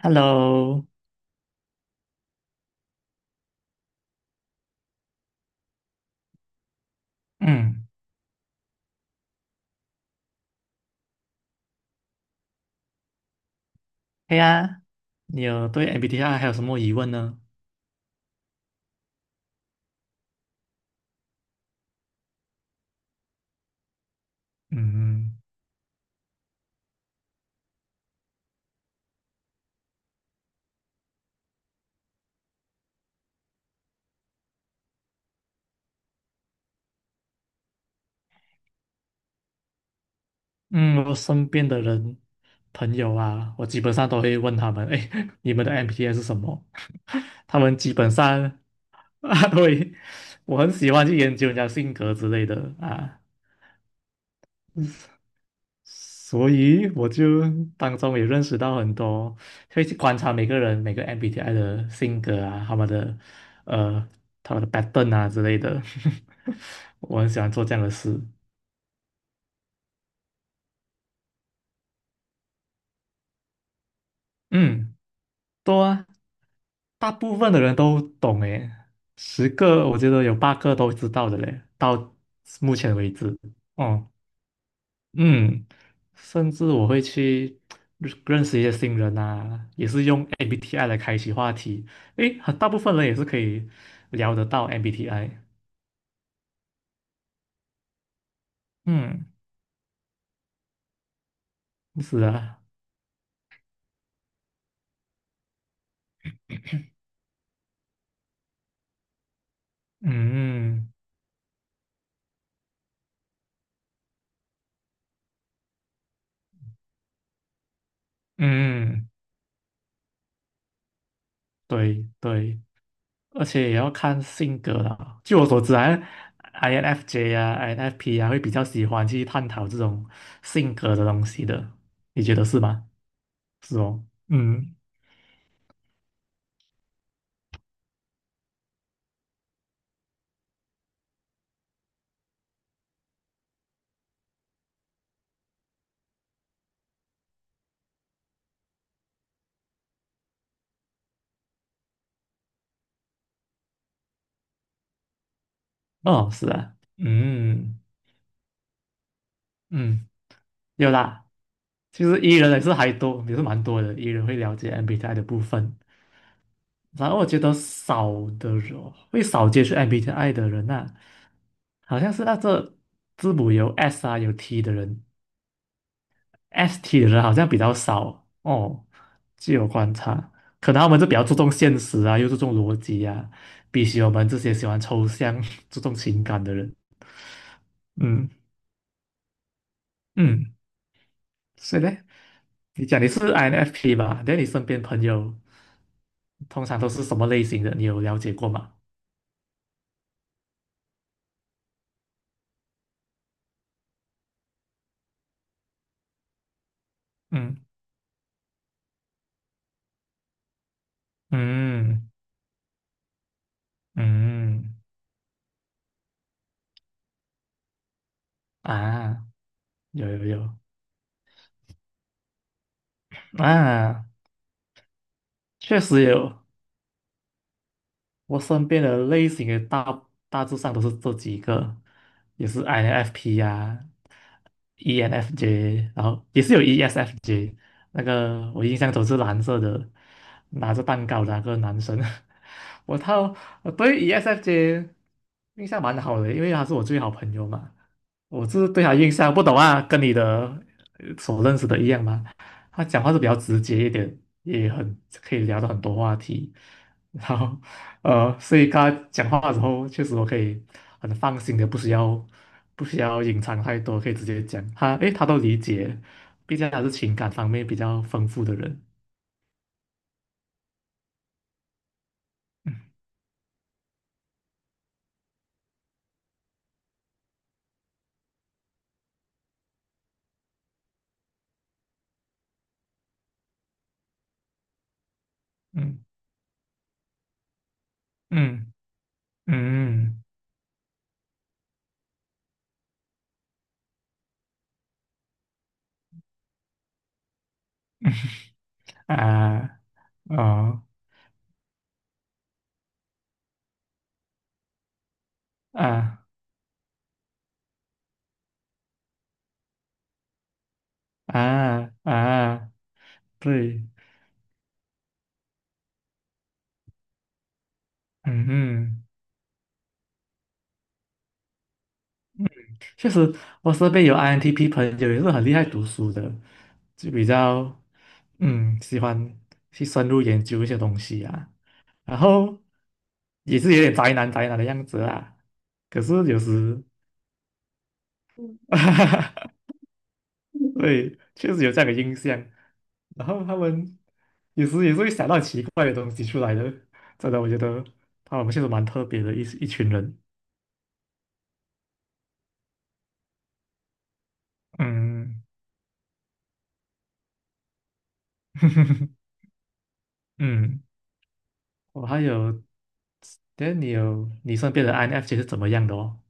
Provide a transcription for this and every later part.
Hello，嗯，对呀，你有对 MBTI 还有什么疑问呢？嗯嗯，我身边的人朋友啊，我基本上都会问他们，哎，你们的 MBTI 是什么？他们基本上。 啊，对，我很喜欢去研究人家性格之类的啊，所以我就当中也认识到很多，会去观察每个人每个 MBTI 的性格啊，呃他们的 pattern 啊之类的。我很喜欢做这样的事。嗯，多啊，大部分的人都懂诶，10个我觉得有8个都知道的嘞，到目前为止。哦、嗯，甚至我会去认识一些新人呐，也是用 MBTI 来开启话题。诶，很大部分人也是可以聊得到 MBTI。嗯，是啊，嗯嗯，对对，而且也要看性格啦。据我所知啊，INFJ 啊，INFP 啊，会比较喜欢去探讨这种性格的东西的。你觉得是吗？是哦，嗯，哦，是啊，嗯嗯。有啦，其实 E 人也是还多，也是蛮多的。E 人会了解 MBTI 的部分，然后我觉得少的人会少接触 MBTI 的人啊，好像是那这字母有 S 啊有 T 的人，ST 的人好像比较少哦。据我观察，可能我们就比较注重现实啊，又注重逻辑啊，比起我们这些喜欢抽象、注重情感的人。嗯嗯，所以呢，你讲你是 INFP 吧？那你身边朋友？通常都是什么类型的？你有了解过吗？嗯嗯嗯啊，有有有啊，确实有。我身边的类型的大致上都是这几个，也是 INFP 呀、ENFJ，然后也是有 ESFJ。那个我印象中是蓝色的，拿着蛋糕的那个男生。我操，我对 ESFJ 印象蛮好的，因为他是我最好朋友嘛。我是对他印象不懂啊，跟你的所认识的一样嘛。他讲话是比较直接一点，也很可以聊到很多话题。然后，所以跟他讲话的时候，确实我可以很放心的，不需要隐藏太多，可以直接讲。他都理解，毕竟他是情感方面比较丰富的人。嗯嗯嗯嗯啊哦啊啊啊，对，嗯确实，我身边有 INTP 朋友也是很厉害读书的，就比较喜欢去深入研究一些东西啊，然后也是有点宅男的样子啊。可是有时，对，确实有这样的印象。然后他们有时也是会想到奇怪的东西出来的，真的，我觉得他们确实蛮特别的一群人。嗯，嗯。我还有，但你身边的 INFJ 是怎么样的哦？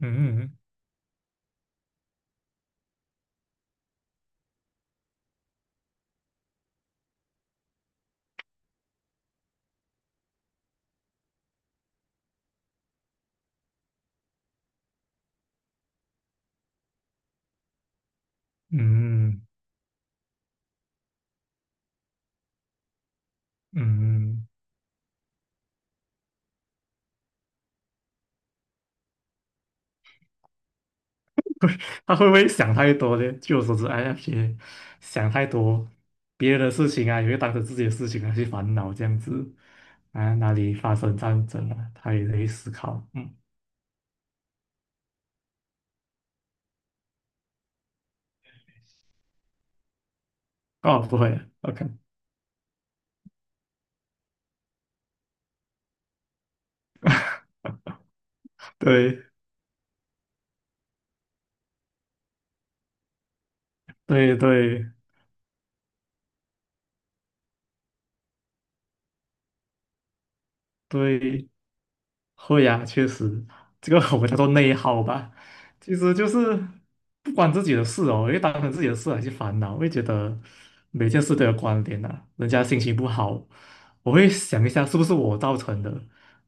嗯嗯嗯，嗯，他会不会想太多呢？据我所知，INFJ 想太多，别人的事情啊，也会当成自己的事情啊去烦恼这样子啊，哪里发生战争了，他也会思考。嗯，哦，不会啊，OK，对对对对，会呀，确实，这个我们叫做内耗吧。其实就是不关自己的事哦，因为当成自己的事来去烦恼，会觉得每件事都有关联呐、人家心情不好，我会想一下是不是我造成的，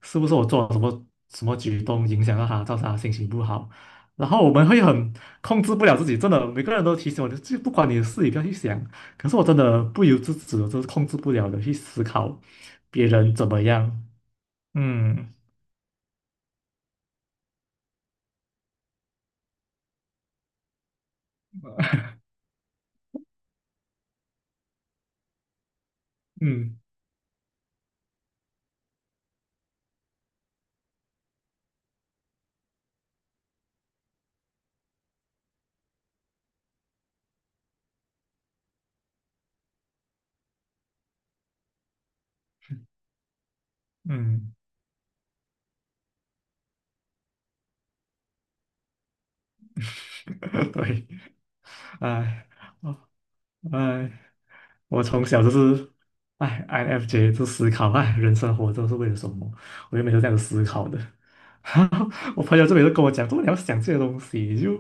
是不是我做了什么什么举动影响到他，造成他心情不好。然后我们会很控制不了自己，真的，每个人都提醒我，就不管你的事，你不要去想。可是我真的不由自主，就是控制不了的去思考别人怎么样。嗯嗯。嗯，对，哎，我哎，我从小就是，哎，INFJ 就思考，哎，人生活着是为了什么？我就每次这样子思考的。我朋友这边就跟我讲，怎么你要想这些东西，你就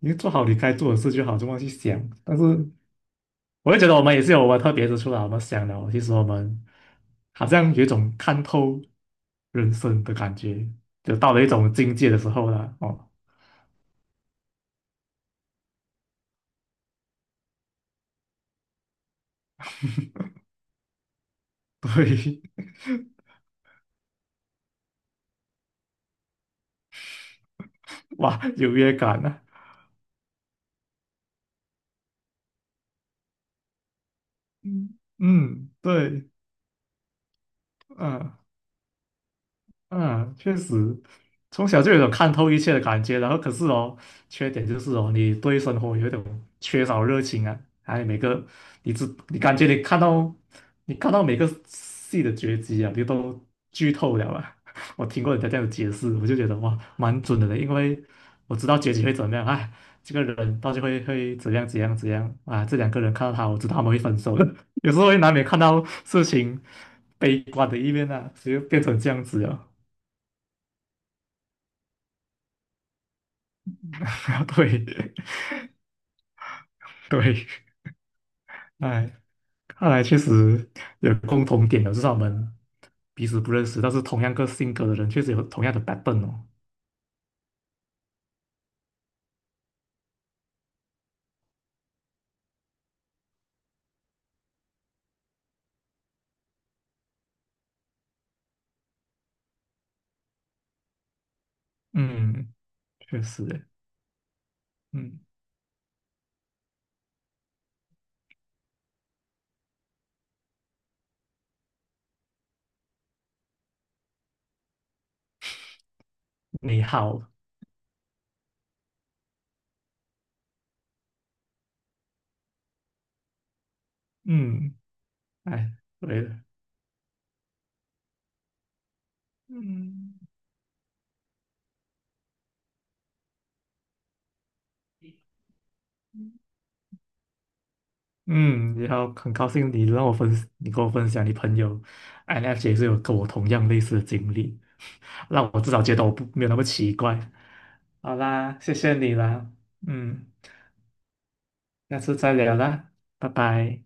你就做好你该做的事就好，就忘记想。但是我就觉得我们也是有我们特别之处啦，我们想了，其实我们好像有一种看透人生的感觉，就到了一种境界的时候了。哦，对，哇，优越感呢？嗯，嗯，对，嗯、嗯，确实，从小就有种看透一切的感觉，然后可是哦，缺点就是哦，你对生活有一种缺少热情啊，还有每个你感觉你看到每个戏的结局啊，你都剧透了啊。我听过人家这样解释，我就觉得哇，蛮准的嘞，因为我知道结局会怎么样，哎，这个人到底会怎样怎样怎样啊，这两个人看到他，我知道他们会分手的，有时候会难免看到事情悲观的一面啊，所以就变成这样子了。对对，哎，看来确实有共同点的，至少我们彼此不认识，但是同样个性格的人，确实有同样的 pattern 哦。嗯，确实耶，嗯，你好，嗯，哎，对的，嗯嗯，然后很高兴你让我分，你跟我分享你朋友 INFJ 是有跟我同样类似的经历，让我至少觉得我不没有那么奇怪。好啦，谢谢你啦，嗯，下次再聊啦，拜拜。